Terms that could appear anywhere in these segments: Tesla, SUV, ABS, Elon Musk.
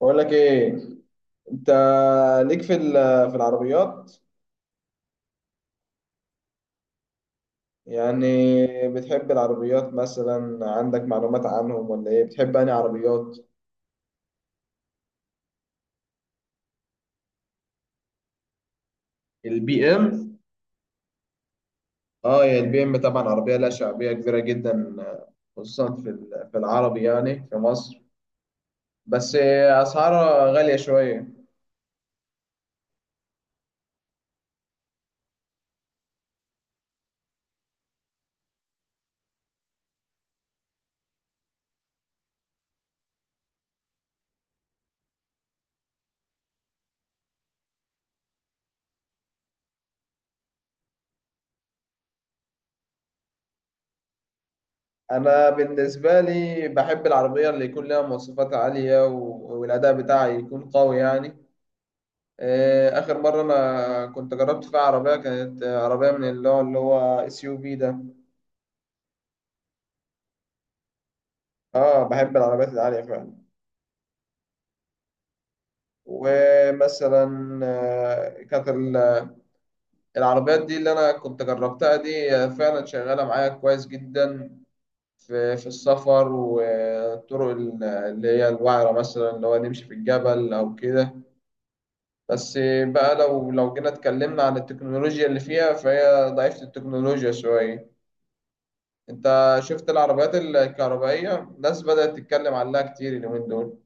بقول لك ايه؟ انت ليك في في العربيات؟ يعني بتحب العربيات، مثلا عندك معلومات عنهم ولا ايه؟ بتحب انهي عربيات؟ BMW. اه يا BMW، طبعا عربيه لها شعبيه كبيره جدا، خصوصا في العربي، يعني في مصر. بس اسعارها غاليه شويه. انا بالنسبه لي بحب العربيه اللي يكون لها مواصفات عاليه والاداء بتاعها يكون قوي يعني. آخر مرة أنا كنت جربت فيها عربية كانت، عربية من اللي هو SUV ده. اه بحب العربيات العالية فعلا. ومثلا كانت العربيات دي اللي أنا كنت جربتها دي، فعلا شغالة معايا كويس جدا في السفر والطرق اللي هي الوعرة، مثلا اللي هو نمشي في الجبل أو كده. بس بقى لو جينا اتكلمنا عن التكنولوجيا اللي فيها، فهي ضعيفة التكنولوجيا شوية. انت شفت العربيات الكهربائية؟ الناس بدأت تتكلم عنها كتير اليومين دول.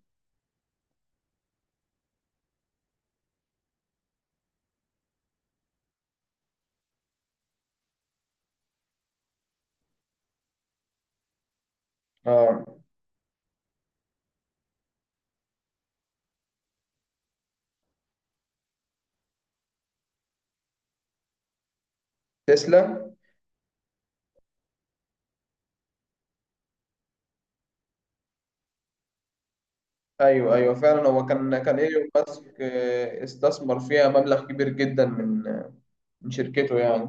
اه تسلا. ايوه ايوه، فعلا هو كان ايلون ماسك استثمر فيها مبلغ كبير جدا من، من شركته يعني.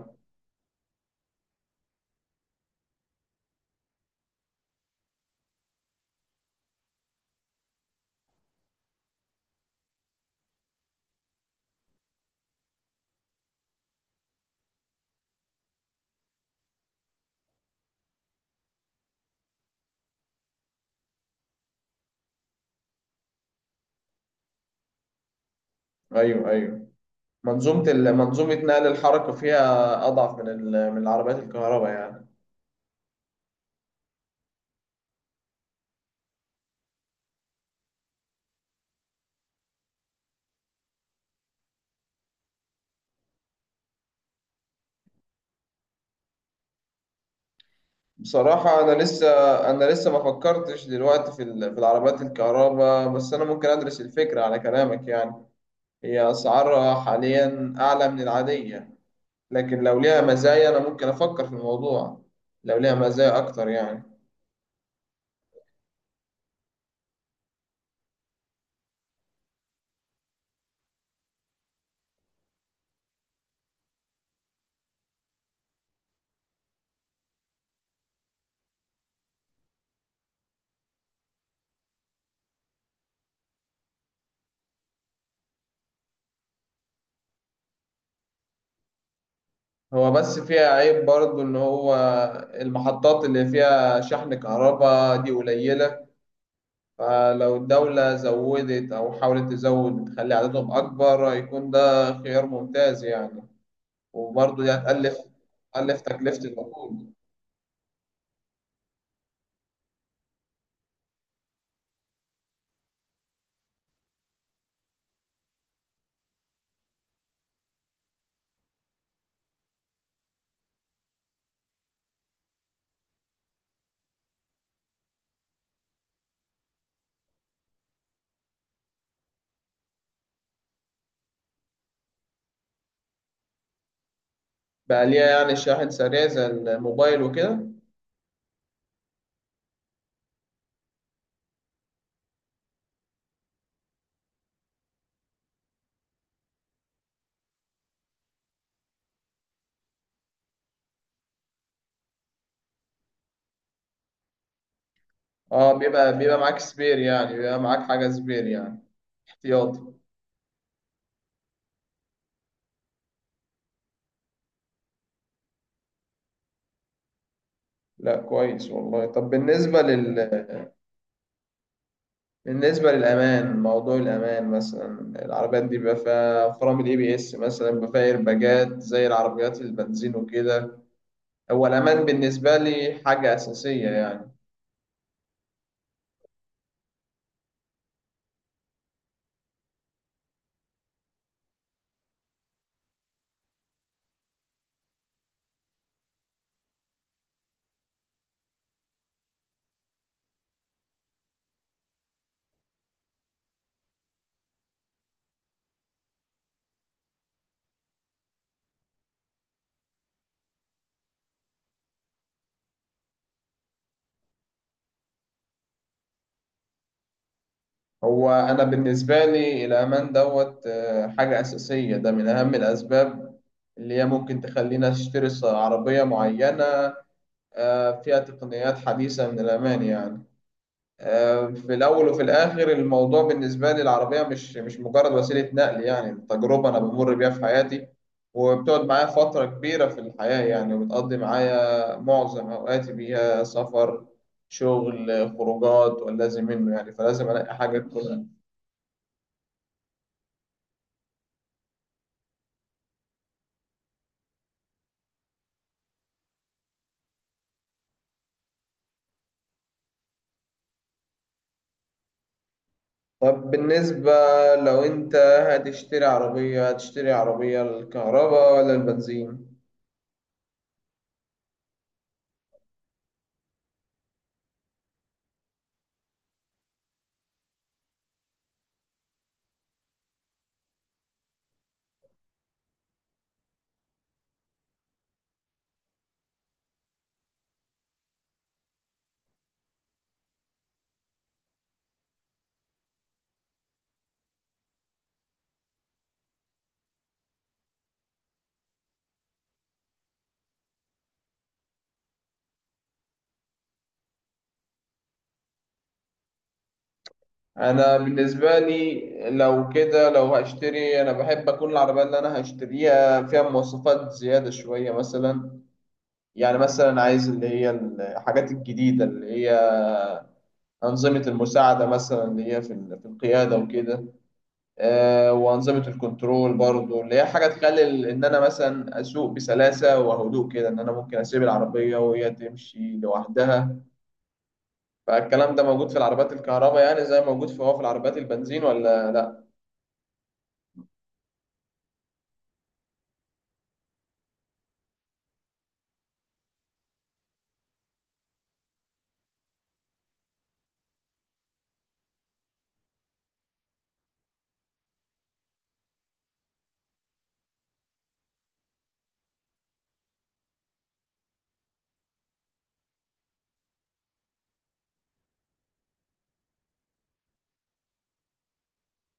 ايوه ايوه. منظومه منظومه نقل الحركه فيها اضعف من العربيات الكهرباء يعني. بصراحه انا لسه، انا لسه ما فكرتش دلوقتي في العربيات الكهرباء، بس انا ممكن ادرس الفكره على كلامك يعني. هي اسعارها حاليا اعلى من العاديه، لكن لو ليها مزايا أنا ممكن أفكر في الموضوع، لو ليها مزايا أكتر يعني. هو بس فيها عيب برضه إن هو المحطات اللي فيها شحن كهرباء دي قليلة. فلو الدولة زودت أو حاولت تزود تخلي عددهم أكبر، هيكون ده خيار ممتاز يعني. وبرضه دي هتقلل ألف تكلفة الوقود. بقى ليها يعني شاحن سريع زي الموبايل وكده؟ اه بيبقى معاك سبير يعني، بيبقى معاك حاجة سبير يعني، احتياطي. لا كويس والله. طب بالنسبة لل... بالنسبة للأمان، موضوع الأمان مثلا، العربيات دي بيبقى فيها فرامل ABS مثلا، بيبقى فيها ايرباجات زي العربيات البنزين وكده؟ هو الأمان بالنسبة لي حاجة أساسية يعني. هو أنا بالنسبة لي الأمان دوت، حاجة أساسية، ده من أهم الأسباب اللي هي ممكن تخلينا نشتري عربية معينة، فيها تقنيات حديثة من الأمان يعني. في الأول وفي الآخر، الموضوع بالنسبة لي العربية مش مجرد وسيلة نقل، يعني تجربة أنا بمر بيها في حياتي، وبتقعد معايا فترة كبيرة في الحياة يعني، وبتقضي معايا معظم أوقاتي بيها، سفر، شغل، خروجات واللازم منه يعني، فلازم ألاقي حاجة تكون. طب بالنسبة لو أنت هتشتري عربية، هتشتري عربية الكهرباء ولا البنزين؟ انا بالنسبه لي، لو كده لو هشتري، انا بحب اكون العربيه اللي انا هشتريها فيها مواصفات زياده شويه مثلا. يعني مثلا عايز اللي هي الحاجات الجديده، اللي هي انظمه المساعده مثلا اللي هي في القياده وكده. وانظمه الكنترول برضو اللي هي حاجه تخلي ان انا مثلا اسوق بسلاسه وهدوء كده، ان انا ممكن اسيب العربيه وهي تمشي لوحدها. فالكلام ده موجود في العربيات الكهرباء يعني زي ما موجود في، هو في العربيات البنزين ولا لا؟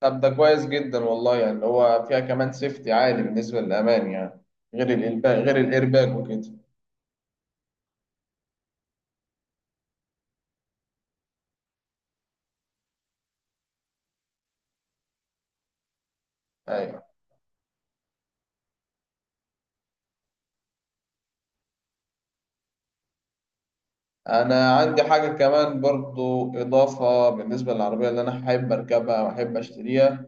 طب ده كويس جدا والله، يعني اللي هو فيها كمان سيفتي عالي بالنسبة للأمان يعني، غير الإيرباج، غير الإيرباج وكده. أيوة. أنا عندي حاجة كمان برضو إضافة بالنسبة للعربية اللي أنا حابب أركبها وأحب أشتريها،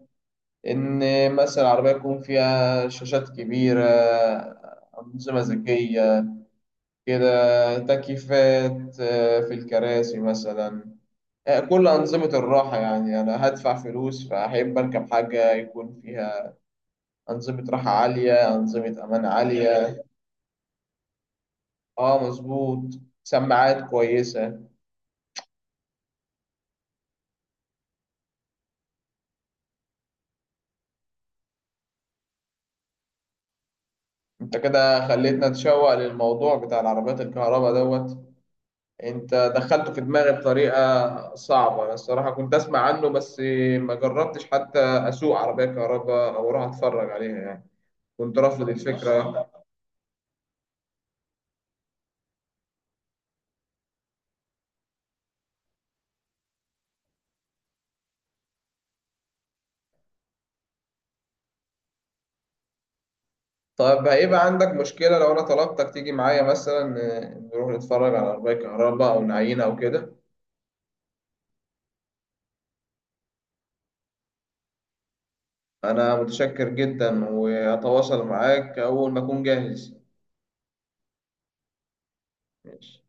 إن مثلا العربية يكون فيها شاشات كبيرة، أنظمة ذكية كده، تكييفات في الكراسي مثلا، كل أنظمة الراحة، يعني أنا هدفع فلوس فأحب أركب حاجة يكون فيها أنظمة راحة عالية، أنظمة أمان عالية. اه مظبوط، سماعات كويسة. انت كده خليتنا نتشوق للموضوع بتاع العربيات الكهرباء دوت، انت دخلته في دماغي بطريقة صعبة. انا الصراحة كنت اسمع عنه بس، ما جربتش حتى اسوق عربية كهرباء او اروح اتفرج عليها يعني، كنت رافض الفكرة. طب هيبقى عندك مشكلة لو انا طلبتك تيجي معايا مثلا، نروح نتفرج على عربية كهرباء او نعينها او كده؟ أنا متشكر جدا، وهتواصل معاك أول ما أكون جاهز. ماشي.